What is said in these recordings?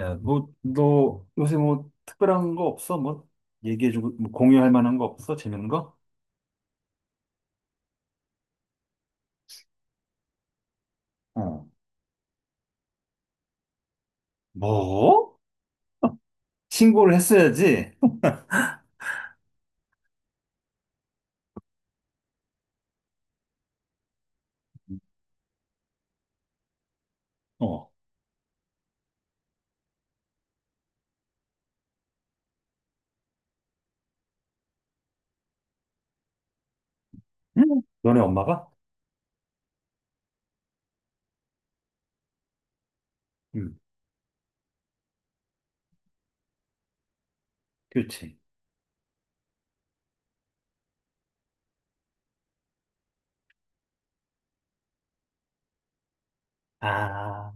야, 뭐, 너 요새 뭐 특별한 거 없어? 뭐 얘기해주고 뭐 공유할 만한 거 없어? 재밌는 거? 어. 뭐? 신고를 했어야지. 어, 너네 엄마가? 응, 그렇지. 아,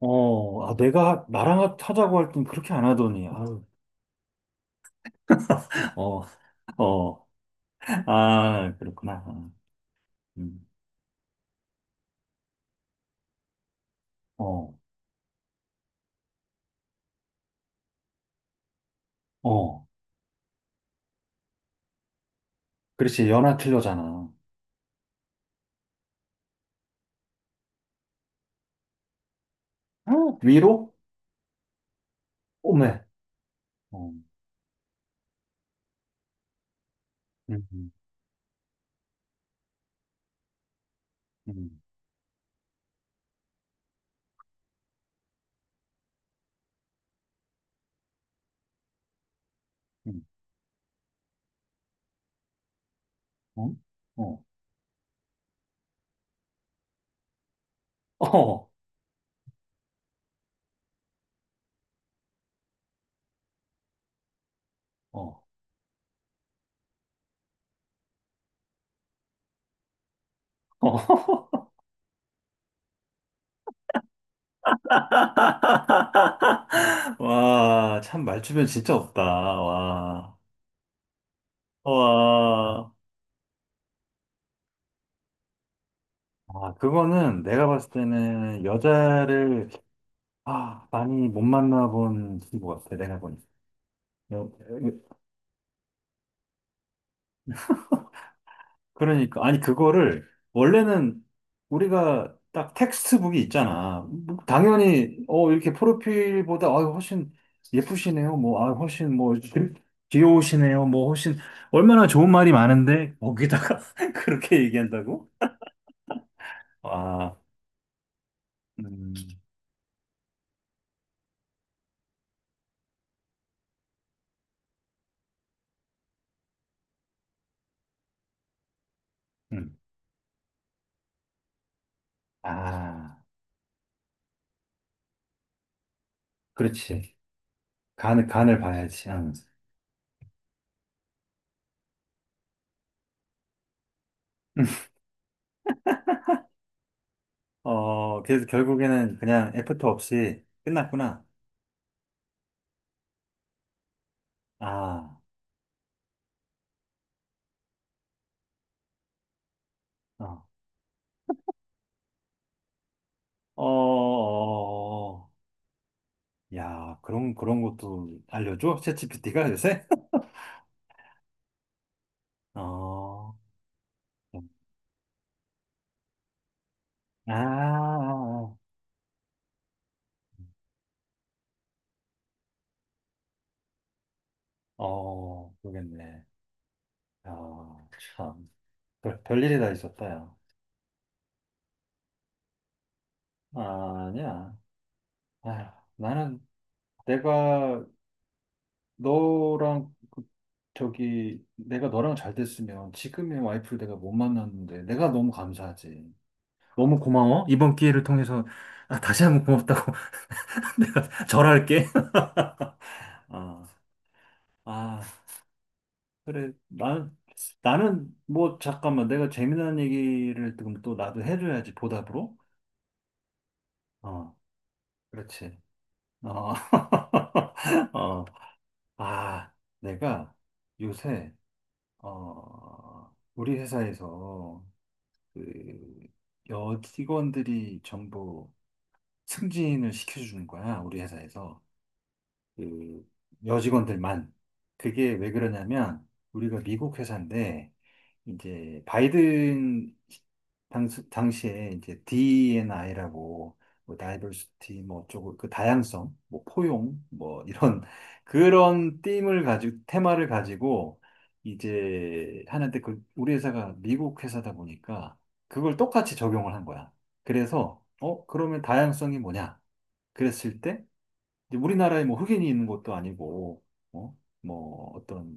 어, 아, 내가 나랑 하자고 할 땐 그렇게 안 하더니, 아유, 어, 어, 아, 그렇구나. 아, 음, 어, 어, 그렇지. 연하 틀려잖아. 음. 위로? 오메. 어, 음, 음, 음, 음, 어, 어, 어. 어. 어. 와, 참 말주변 진짜 없다. 와. 와. 아, 그거는 내가 봤을 때는 여자를 아, 많이 못 만나본 친구 같아. 내가 보니. 그러니까 아니 그거를 원래는 우리가 딱 텍스트북이 있잖아. 뭐 당연히 어 이렇게 프로필보다 아 훨씬 예쁘시네요. 뭐 아 훨씬 뭐 귀여우시네요. 뭐 훨씬 얼마나 좋은 말이 많은데 거기다가 그렇게 얘기한다고? 아, 음, 음. 아, 그렇지. 간을 봐야지. 응. 어, 그래서 결국에는 그냥 애프터 없이 끝났구나. 아, 어, 어, 어. 어, 어. 야, 그런 것도 알려줘? 챗GPT가 요새? 어, 아, 아, 아. 어, 모르겠네. 아, 참. 별일이 다 있었다, 야. 아니야. 아휴, 나는 내가 너랑, 그 저기, 내가 너랑 잘 됐으면 지금의 와이프를 내가 못 만났는데 내가 너무 감사하지. 너무 고마워. 이번 기회를 통해서 아, 다시 한번 고맙다고 내가 절할게. 아, 아. 그래, 나는, 뭐, 잠깐만, 내가 재미난 얘기를 지금 또 나도 해줘야지, 보답으로. 어, 그렇지. 어, 어, 아, 내가 요새, 어, 우리 회사에서, 그, 여직원들이 전부 승진을 시켜주는 거야, 우리 회사에서. 그, 여직원들만. 그게 왜 그러냐면, 우리가 미국 회사인데, 이제 바이든 당시에 이제 D&I라고 뭐 다이버시티 뭐 쪽을 그 다양성, 뭐 포용 뭐 이런 그런 팀을 가지고 테마를 가지고 이제 하는데 그 우리 회사가 미국 회사다 보니까 그걸 똑같이 적용을 한 거야. 그래서 어 그러면 다양성이 뭐냐? 그랬을 이제 우리나라에 뭐 흑인이 있는 것도 아니고, 어? 뭐 어떤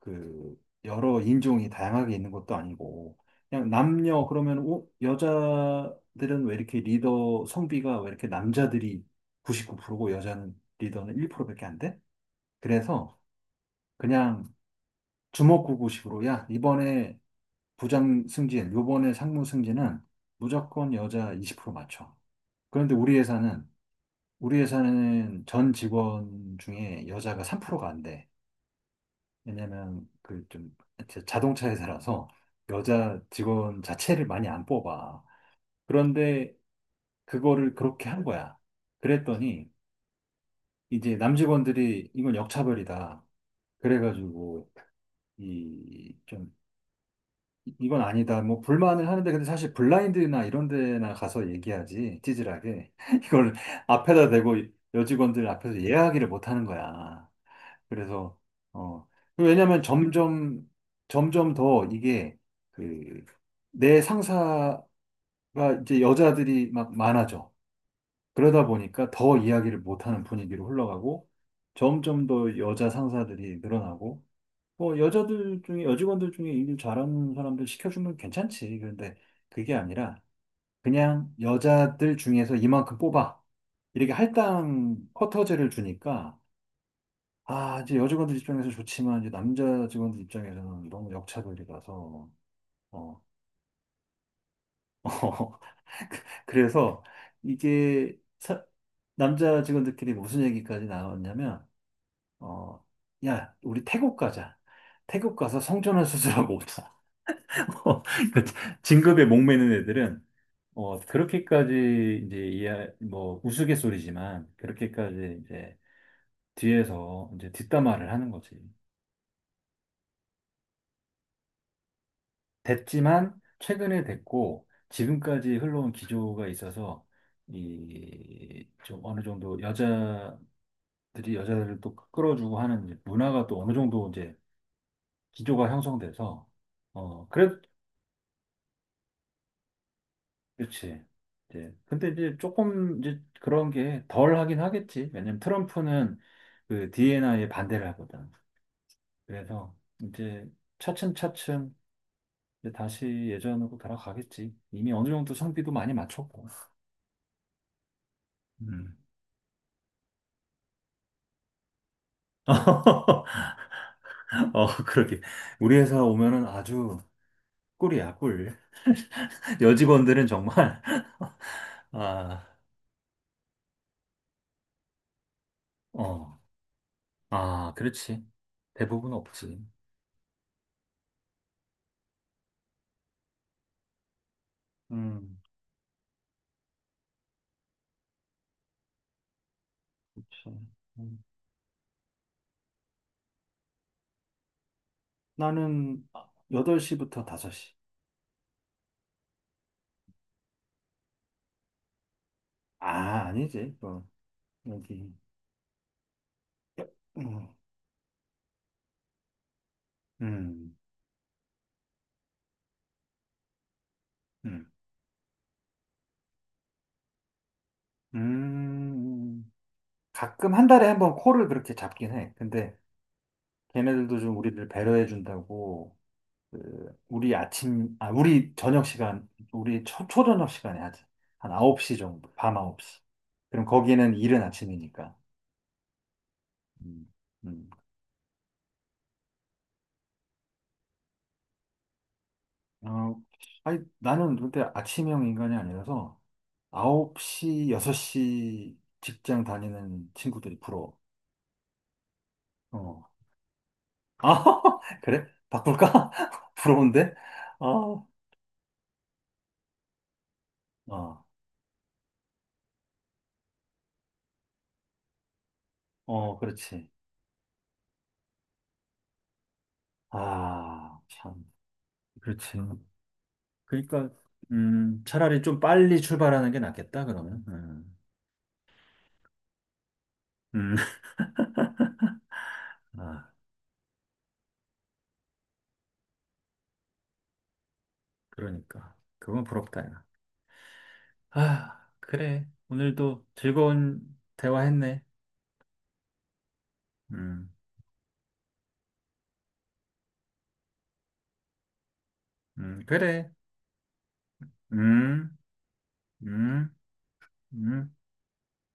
그 여러 인종이 다양하게 있는 것도 아니고, 그냥 남녀 그러면 어? 여자들은 왜 이렇게 리더 성비가 왜 이렇게 남자들이 99%고 여자는 리더는 1%밖에 안 돼? 그래서 그냥 주먹구구식으로 야 이번에 부장 승진, 요번에 상무 승진은 무조건 여자 20% 맞춰. 그런데 우리 회사는 전 직원 중에 여자가 3%가 안 돼. 왜냐면 그 좀 자동차 회사라서 여자 직원 자체를 많이 안 뽑아. 그런데 그거를 그렇게 한 거야. 그랬더니 이제 남직원들이 이건 역차별이다. 그래가지고 이 좀 이건 아니다. 뭐 불만을 하는데 근데 사실 블라인드나 이런 데나 가서 얘기하지 찌질하게 이걸 앞에다 대고 여직원들 앞에서 이야기를 못 하는 거야. 그래서 어 그 왜냐면 점점 더 이게 그 내 상사가 이제 여자들이 막 많아져. 그러다 보니까 더 이야기를 못하는 분위기로 흘러가고 점점 더 여자 상사들이 늘어나고 뭐 여자들 중에 여직원들 중에 일 잘하는 사람들 시켜주면 괜찮지. 그런데 그게 아니라 그냥 여자들 중에서 이만큼 뽑아. 이렇게 할당 쿼터제를 주니까 아, 이제 여직원들 입장에서 좋지만, 이제 남자 직원들 입장에서는 너무 역차별이라서, 어. 그래서 이게 남자 직원들끼리 무슨 얘기까지 나왔냐면, 어, 야, 우리 태국 가자. 태국 가서 성전환 수술하고 오자. 그 진급에 목매는 애들은, 어, 그렇게까지 이제 이해, 뭐, 우스갯소리지만, 그렇게까지 이제 뒤에서 이제 뒷담화를 하는 거지. 됐지만 최근에 됐고 지금까지 흘러온 기조가 있어서 이 좀 어느 정도 여자들이 여자들을 또 끌어주고 하는 문화가 또 어느 정도 이제 기조가 형성돼서 어 그래 그렇지 이제 근데 이제 조금 이제 그런 게 덜 하긴 하겠지 왜냐면 트럼프는 그 DNI 에 반대를 하거든 그래서 이제 차츰차츰 이제 다시 예전으로 돌아가겠지 이미 어느 정도 성비도 많이 맞췄고 음. 어, 그러게. 우리 회사 오면은 아주 꿀이야, 꿀. 여직원들은 정말, 아, 어, 아, 그렇지. 대부분 없지. 음, 그렇지. 음. 나는 8시부터 5시. 아, 아니지. 어, 여기. 음, 음, 음. 음. 가끔 한 달에 한 번 콜을 그렇게 잡긴 해. 근데 걔네들도 좀 우리를 배려해 준다고. 그 우리 아침, 아, 우리 저녁 시간, 우리 초저녁 시간에 하지. 한 9시 정도, 밤 9시. 그럼 거기는 이른 아침이니까. 음, 음. 어, 아니, 나는 근데 아침형 인간이 아니라서 9시, 6시 직장 다니는 친구들이 부러워. 어. 아, 그래? 바꿀까? 부러운데? 아, 어, 어, 그렇지. 아, 참. 그렇지. 그러니까 차라리 좀 빨리 출발하는 게 낫겠다 그러면. 음. 음. 아, 그러니까 그건 부럽다 야. 아, 그래. 오늘도 즐거운 대화했네. 음. 그래. 음. 음. 음.